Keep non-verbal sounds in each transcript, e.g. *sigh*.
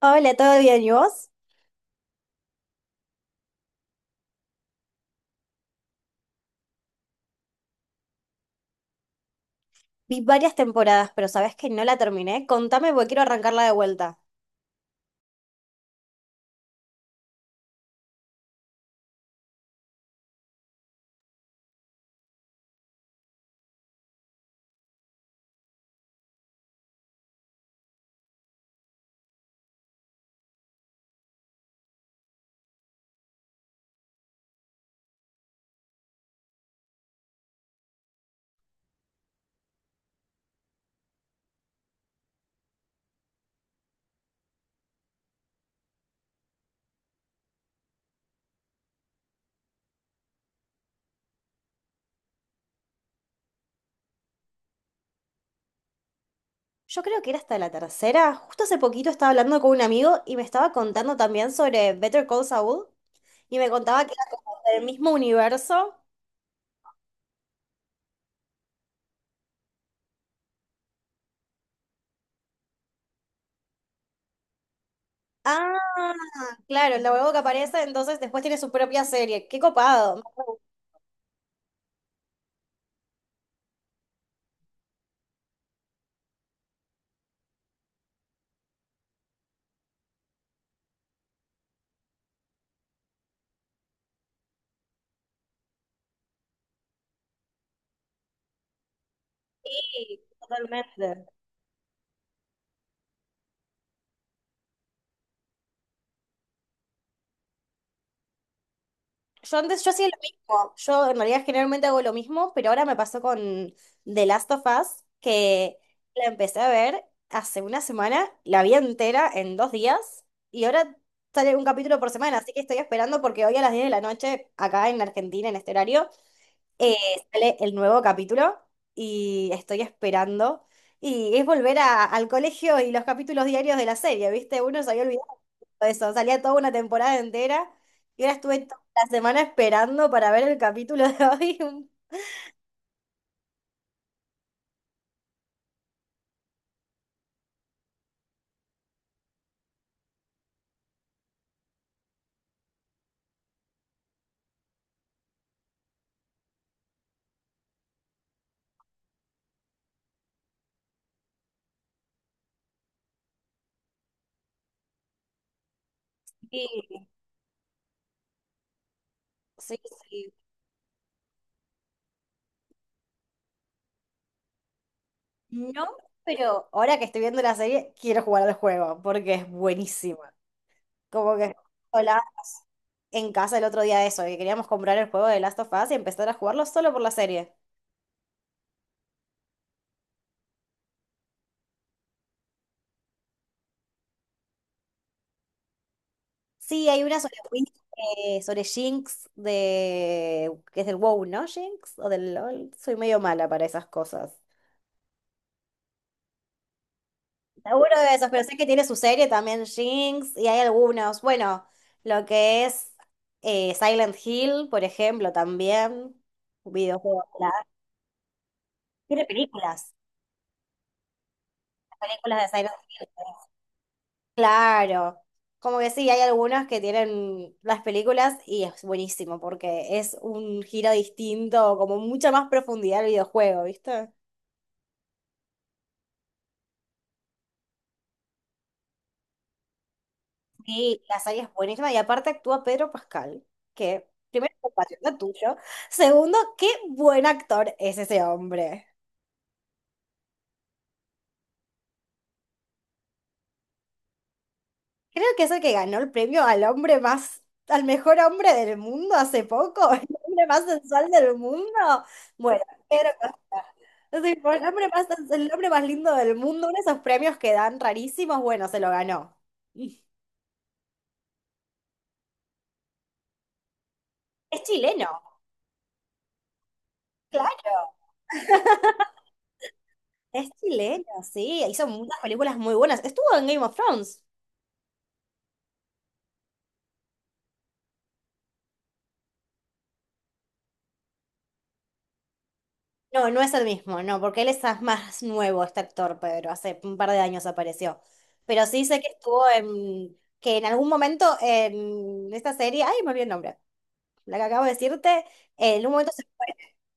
Hola, ¿todo bien? ¿Y vos? Vi varias temporadas, pero sabés que no la terminé. Contame porque quiero arrancarla de vuelta. Yo creo que era hasta la tercera. Justo hace poquito estaba hablando con un amigo y me estaba contando también sobre Better Call Saul y me contaba que era como del mismo universo. Ah, claro, el abogado que aparece entonces después tiene su propia serie. ¡Qué copado! Sí, totalmente. Yo antes, yo hacía lo mismo. Yo en realidad generalmente hago lo mismo, pero ahora me pasó con The Last of Us, que la empecé a ver hace una semana, la vi entera en 2 días, y ahora sale un capítulo por semana, así que estoy esperando porque hoy a las 10 de la noche, acá en Argentina, en este horario, eh, sale el nuevo capítulo y estoy esperando. Y es volver al colegio y los capítulos diarios de la serie, ¿viste? Uno se había olvidado eso, salía toda una temporada entera y ahora estuve toda la semana esperando para ver el capítulo de hoy. *laughs* Sí, sí, sí. No, pero ahora que estoy viendo la serie, quiero jugar al juego porque es buenísima. Como que hola en casa el otro día de eso, que queríamos comprar el juego de Last of Us y empezar a jugarlo solo por la serie. Sí, hay una sobre sobre Jinx de que es del WoW, ¿no? Jinx o del LoL. Soy medio mala para esas cosas. Seguro de esos, pero sé que tiene su serie también, Jinx, y hay algunos. Bueno, lo que es Silent Hill, por ejemplo, también. Videojuegos, claro. Tiene películas, las películas de Silent Hill. Claro. Como que sí, hay algunas que tienen las películas y es buenísimo porque es un giro distinto, como mucha más profundidad al videojuego, ¿viste? Sí, la serie es buenísima y aparte actúa Pedro Pascal, que primero, compatriota tuyo. Segundo, qué buen actor es ese hombre. Creo que es el que ganó el premio al hombre más, al mejor hombre del mundo hace poco, *laughs* el hombre más sensual del mundo. Bueno, Pedro Pascal. Sí, fue el hombre más lindo del mundo, uno de esos premios que dan rarísimos, bueno, se lo ganó. Es chileno, claro. Es chileno, sí. Hizo muchas películas muy buenas. Estuvo en Game of Thrones. No, no es el mismo, no, porque él es más nuevo, este actor, Pedro, hace un par de años apareció. Pero sí sé que estuvo en, que en algún momento en esta serie, ay, me olvidé el nombre, la que acabo de decirte, en un momento se fue,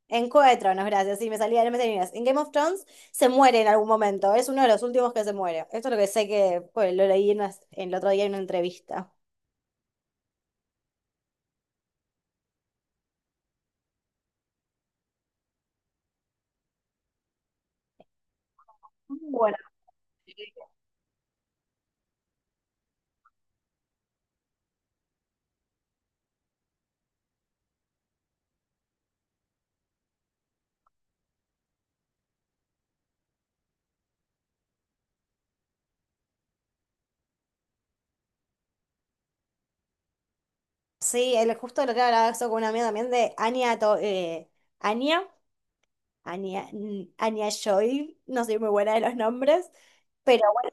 en Juego de Tronos, gracias, sí, me salía, no me salía en inglés. En Game of Thrones se muere en algún momento, es uno de los últimos que se muere. Esto es lo que sé que, pues, lo leí en el otro día en una entrevista. Bueno. Sí, el, justo lo que hablaba eso con una amiga también de Anya, Anya. Anya, Anya Joy, no soy muy buena de los nombres, pero bueno,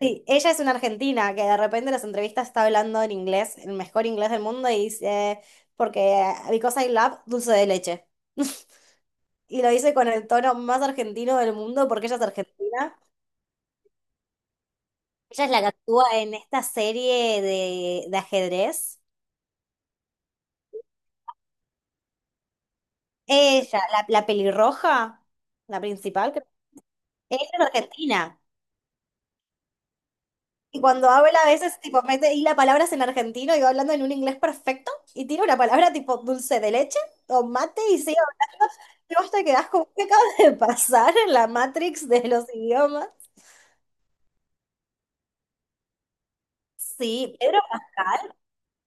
sí, ella es una argentina que de repente en las entrevistas está hablando en inglés, el mejor inglés del mundo, y dice, porque because I love dulce de leche. *laughs* Y lo dice con el tono más argentino del mundo porque ella es argentina. Ella es la que actúa en esta serie de ajedrez. Ella, la pelirroja, la principal, creo. Ella es argentina. Y cuando habla a veces, tipo, mete y la palabras en argentino y va hablando en un inglés perfecto y tira una palabra tipo dulce de leche o mate y sigue hablando. Y vos te quedás como, ¿qué acaba de pasar en la Matrix de los idiomas? Sí, Pedro Pascal.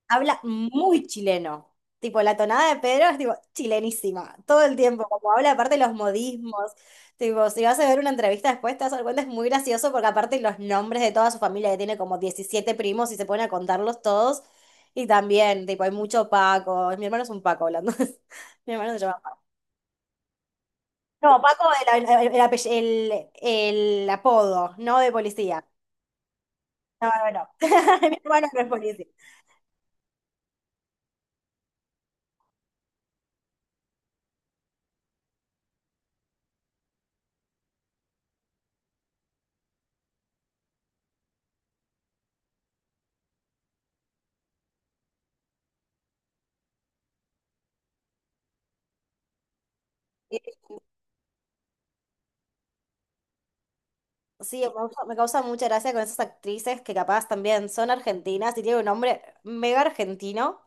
Habla muy chileno. Tipo, la tonada de Pedro es tipo chilenísima, todo el tiempo, como habla aparte los modismos. Tipo, si vas a ver una entrevista después, te vas a dar cuenta, es muy gracioso porque aparte los nombres de toda su familia, que tiene como 17 primos y se ponen a contarlos todos. Y también, tipo, hay mucho Paco. Mi hermano es un Paco hablando. *laughs* Mi hermano se llama Paco. No, Paco el apodo, no de policía. No, no, no. *laughs* Mi hermano no es policía. Sí, me causa mucha gracia con esas actrices que capaz también son argentinas y tienen un nombre mega argentino,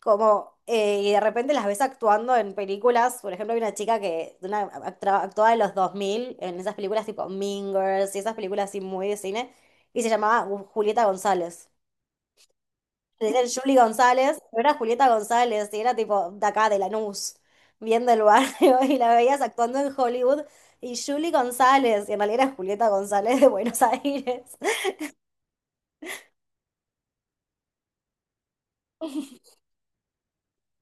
como, y de repente las ves actuando en películas, por ejemplo, hay una chica que actuaba en los 2000 en esas películas tipo Mean Girls y esas películas así muy de cine, y se llamaba Julieta González. Le decían Julie González, pero era Julieta González y era tipo de acá, de Lanús, bien del barrio, *laughs* y la veías actuando en Hollywood. Y Julie González, y en realidad era Julieta González de Buenos *laughs* Aires.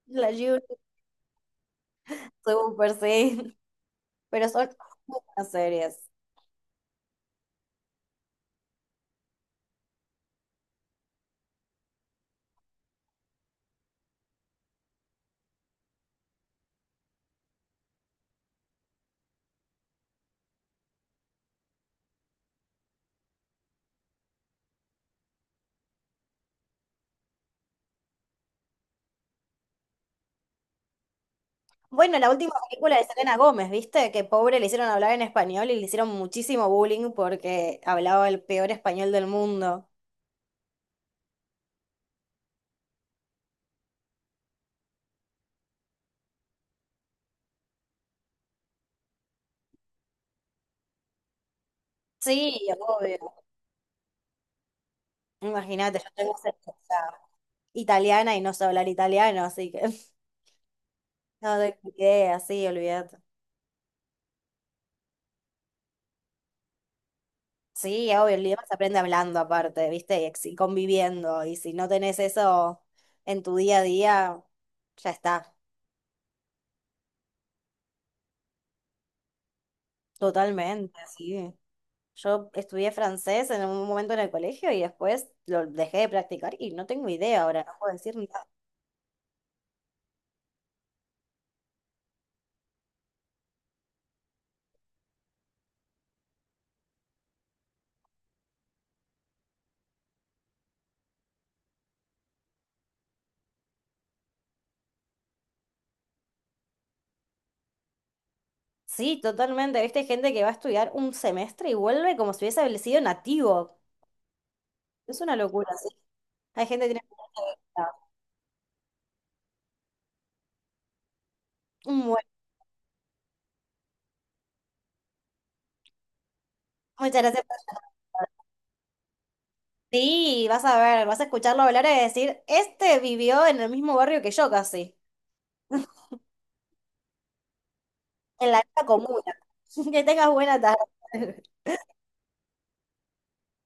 La Juno, súper, sí. *laughs* Pero son buenas series. Bueno, la última película de Selena Gómez, ¿viste? Que pobre le hicieron hablar en español y le hicieron muchísimo bullying porque hablaba el peor español del mundo. Sí, obvio. Imagínate, yo tengo certeza italiana y no sé hablar italiano, así que *laughs* no te idea, sí, olvídate. Sí, obvio, el idioma se aprende hablando aparte, ¿viste? Y conviviendo. Y si no tenés eso en tu día a día, ya está. Totalmente, sí. Yo estudié francés en un momento en el colegio y después lo dejé de practicar y no tengo idea ahora, no puedo decir nada. Sí, totalmente. Viste gente que va a estudiar un semestre y vuelve como si hubiese sido nativo. Es una locura, ¿sí? Hay gente que tiene... *laughs* Bueno, muchas gracias llamar. Sí, vas a ver, vas a escucharlo hablar y decir, este vivió en el mismo barrio que yo casi, en la misma comuna. *laughs* Que tengas buena tarde.